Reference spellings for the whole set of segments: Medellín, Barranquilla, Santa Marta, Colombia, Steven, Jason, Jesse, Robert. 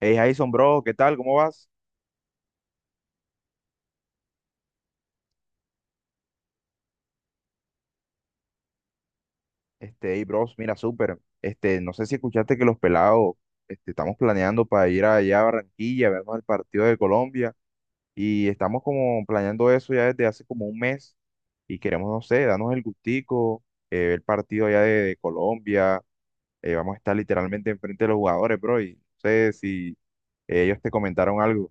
Hey Jason, bro, ¿qué tal? ¿Cómo vas? Hey, bros, mira, súper. No sé si escuchaste que los pelados, estamos planeando para ir allá a Barranquilla, a vernos el partido de Colombia, y estamos como planeando eso ya desde hace como un mes, y queremos, no sé, darnos el gustico, ver el partido allá de Colombia, vamos a estar literalmente enfrente de los jugadores, bro, y no sé si ellos te comentaron algo.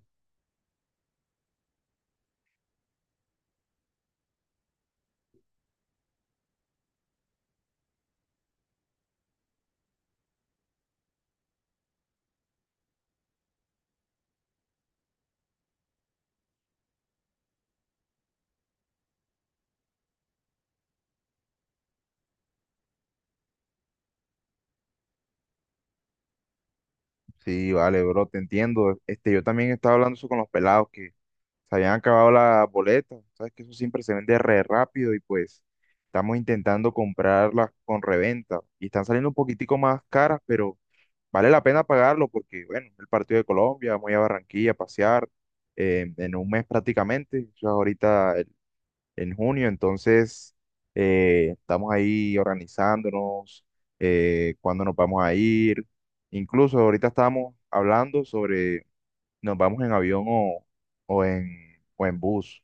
Sí, vale, bro, te entiendo. Yo también estaba hablando eso con los pelados, que se habían acabado las boletas, sabes que eso siempre se vende re rápido y pues estamos intentando comprarlas con reventa y están saliendo un poquitico más caras, pero vale la pena pagarlo porque, bueno, el partido de Colombia, vamos a ir a Barranquilla a pasear en un mes prácticamente, eso es ahorita el- en junio, entonces estamos ahí organizándonos, cuándo nos vamos a ir, incluso ahorita estamos hablando sobre nos vamos en avión o en, o en bus.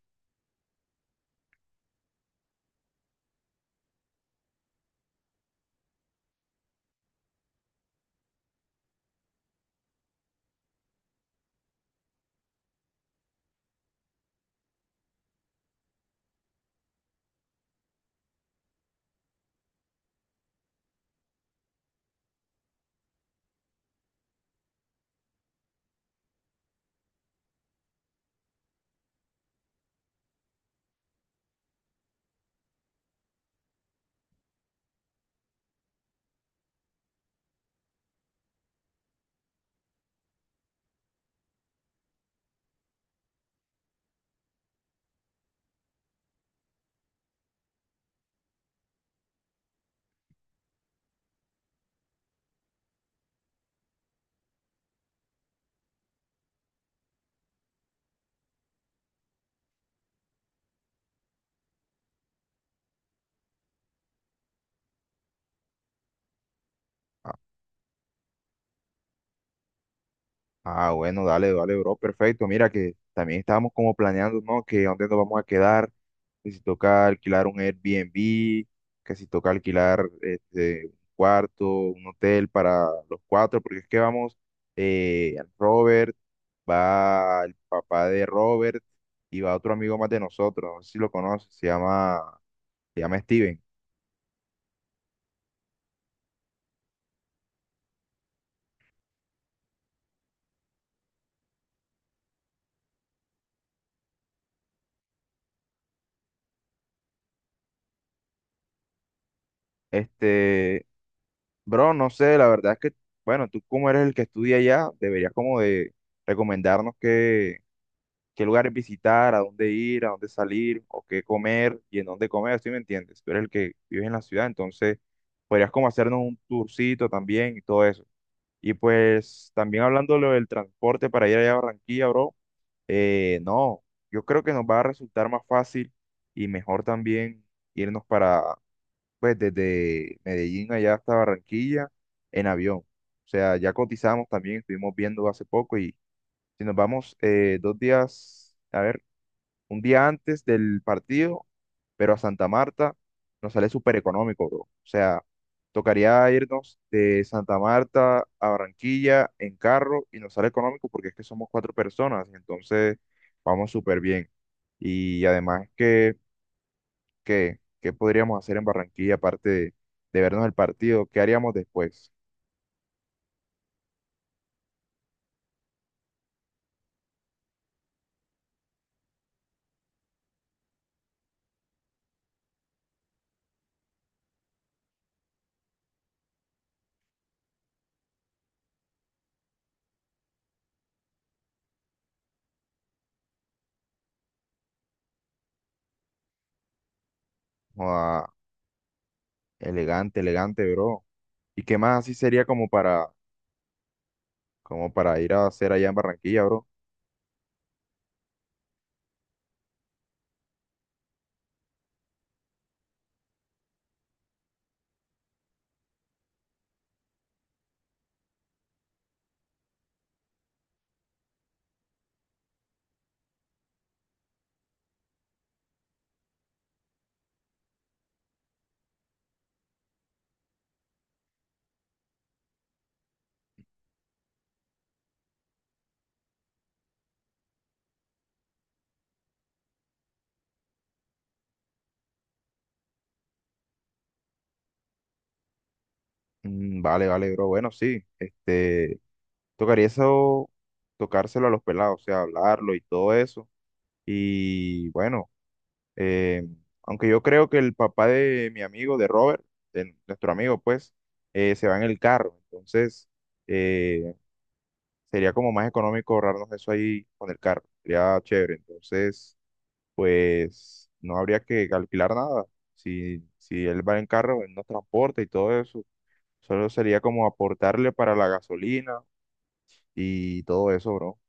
Ah, ah, bueno, dale, dale, bro, perfecto. Mira que también estábamos como planeando, ¿no? Que dónde nos vamos a quedar, que si toca alquilar un Airbnb, que si toca alquilar un cuarto, un hotel para los cuatro, porque es que vamos, Robert, va el papá de Robert y va otro amigo más de nosotros, no sé si lo conoces, se llama Steven. Este, Bro, no sé, la verdad es que, bueno, tú como eres el que estudia allá, deberías como de recomendarnos qué lugares visitar, a dónde ir, a dónde salir, o qué comer y en dónde comer, ¿sí me entiendes? Tú eres el que vives en la ciudad, entonces podrías como hacernos un tourcito también y todo eso. Y pues también hablando de lo del transporte para ir allá a Barranquilla, bro, no, yo creo que nos va a resultar más fácil y mejor también irnos para pues desde Medellín allá hasta Barranquilla en avión. O sea, ya cotizamos también, estuvimos viendo hace poco y si nos vamos dos días, a ver, un día antes del partido, pero a Santa Marta nos sale súper económico, bro. O sea, tocaría irnos de Santa Marta a Barranquilla en carro y nos sale económico porque es que somos cuatro personas, entonces vamos súper bien. Y además que qué podríamos hacer en Barranquilla aparte de vernos el partido? ¿Qué haríamos después? Joda, elegante, elegante, bro. ¿Y qué más así sería como para ir a hacer allá en Barranquilla, bro? Mm, vale, vale, bro. Bueno, sí. Tocaría eso, tocárselo a los pelados, o sea, hablarlo y todo eso. Y bueno, eh, aunque yo creo que el papá de mi amigo, de Robert, de nuestro amigo, pues, se va en el carro. Entonces, eh, sería como más económico ahorrarnos eso ahí con el carro. Sería chévere. Entonces, pues no habría que alquilar nada. Si, si él va en carro, él nos transporta y todo eso. Solo sería como aportarle para la gasolina y todo eso, bro.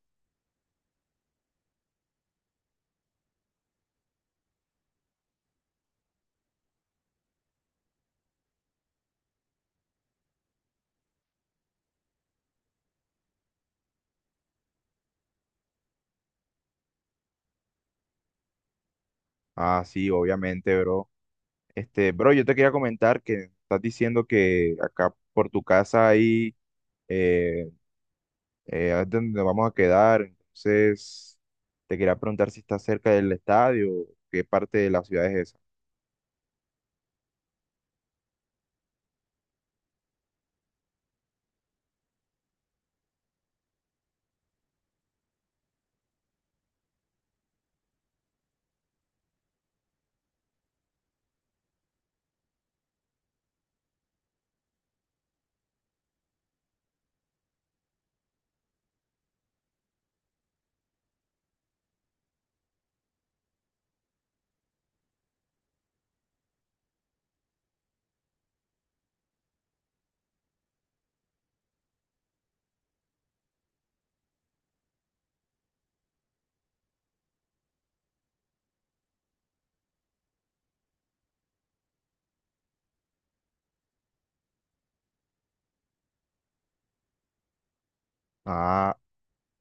Ah, sí, obviamente, bro. Este, bro, yo te quería comentar que estás diciendo que acá por tu casa ahí eh, es donde vamos a quedar. Entonces, te quería preguntar si está cerca del estadio, qué parte de la ciudad es esa. Ah,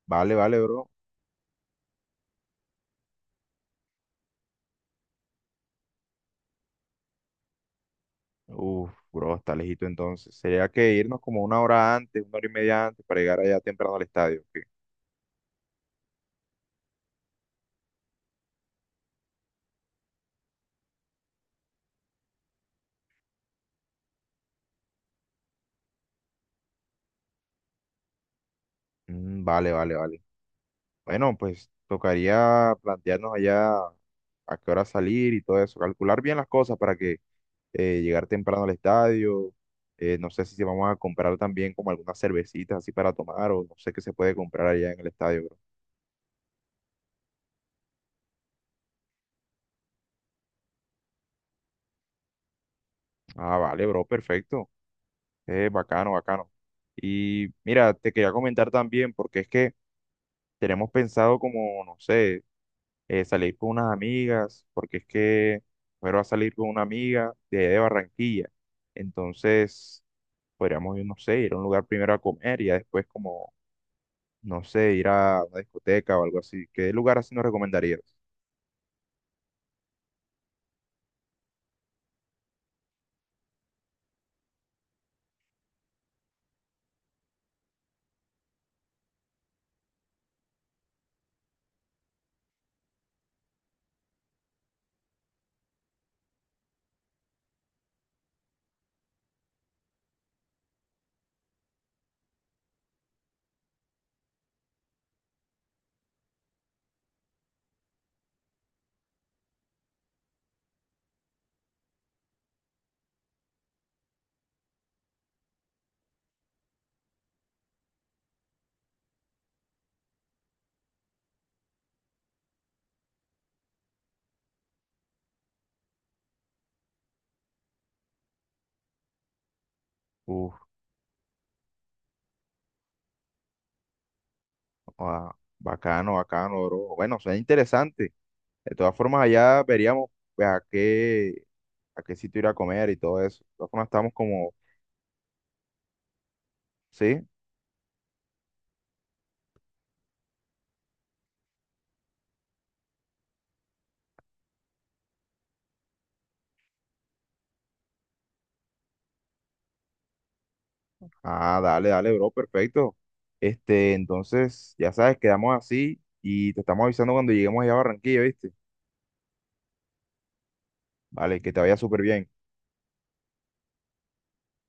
vale, vale, bro. Uf, bro, está lejito entonces. Sería que irnos como una hora antes, una hora y media antes para llegar allá temprano al estadio. ¿Ok? Mm, vale, vale, vale. Bueno, pues tocaría plantearnos allá a qué hora salir y todo eso. Calcular bien las cosas para que llegar temprano al estadio. No sé si vamos a comprar también como algunas cervecitas así para tomar o no sé qué se puede comprar allá en el estadio, bro. Ah, vale, bro, perfecto. Bacano, bacano. Y mira, te quería comentar también porque es que... Tenemos pensado como, no sé, salir con unas amigas, porque es que primero va a salir con una amiga allá de Barranquilla. Entonces, podríamos ir, no sé, ir a un lugar primero a comer y ya después como, no sé, ir a una discoteca o algo así. ¿Qué lugar así nos recomendarías? Uf, ah, bacano, bacano, bro. Bueno, suena interesante. De todas formas, allá veríamos pues, a qué sitio ir a comer y todo eso. De todas formas, estamos como, sí. Ah, dale, dale, bro, perfecto. Este, entonces, ya sabes, quedamos así y te estamos avisando cuando lleguemos allá a Barranquilla, ¿viste? Vale, que te vaya súper bien.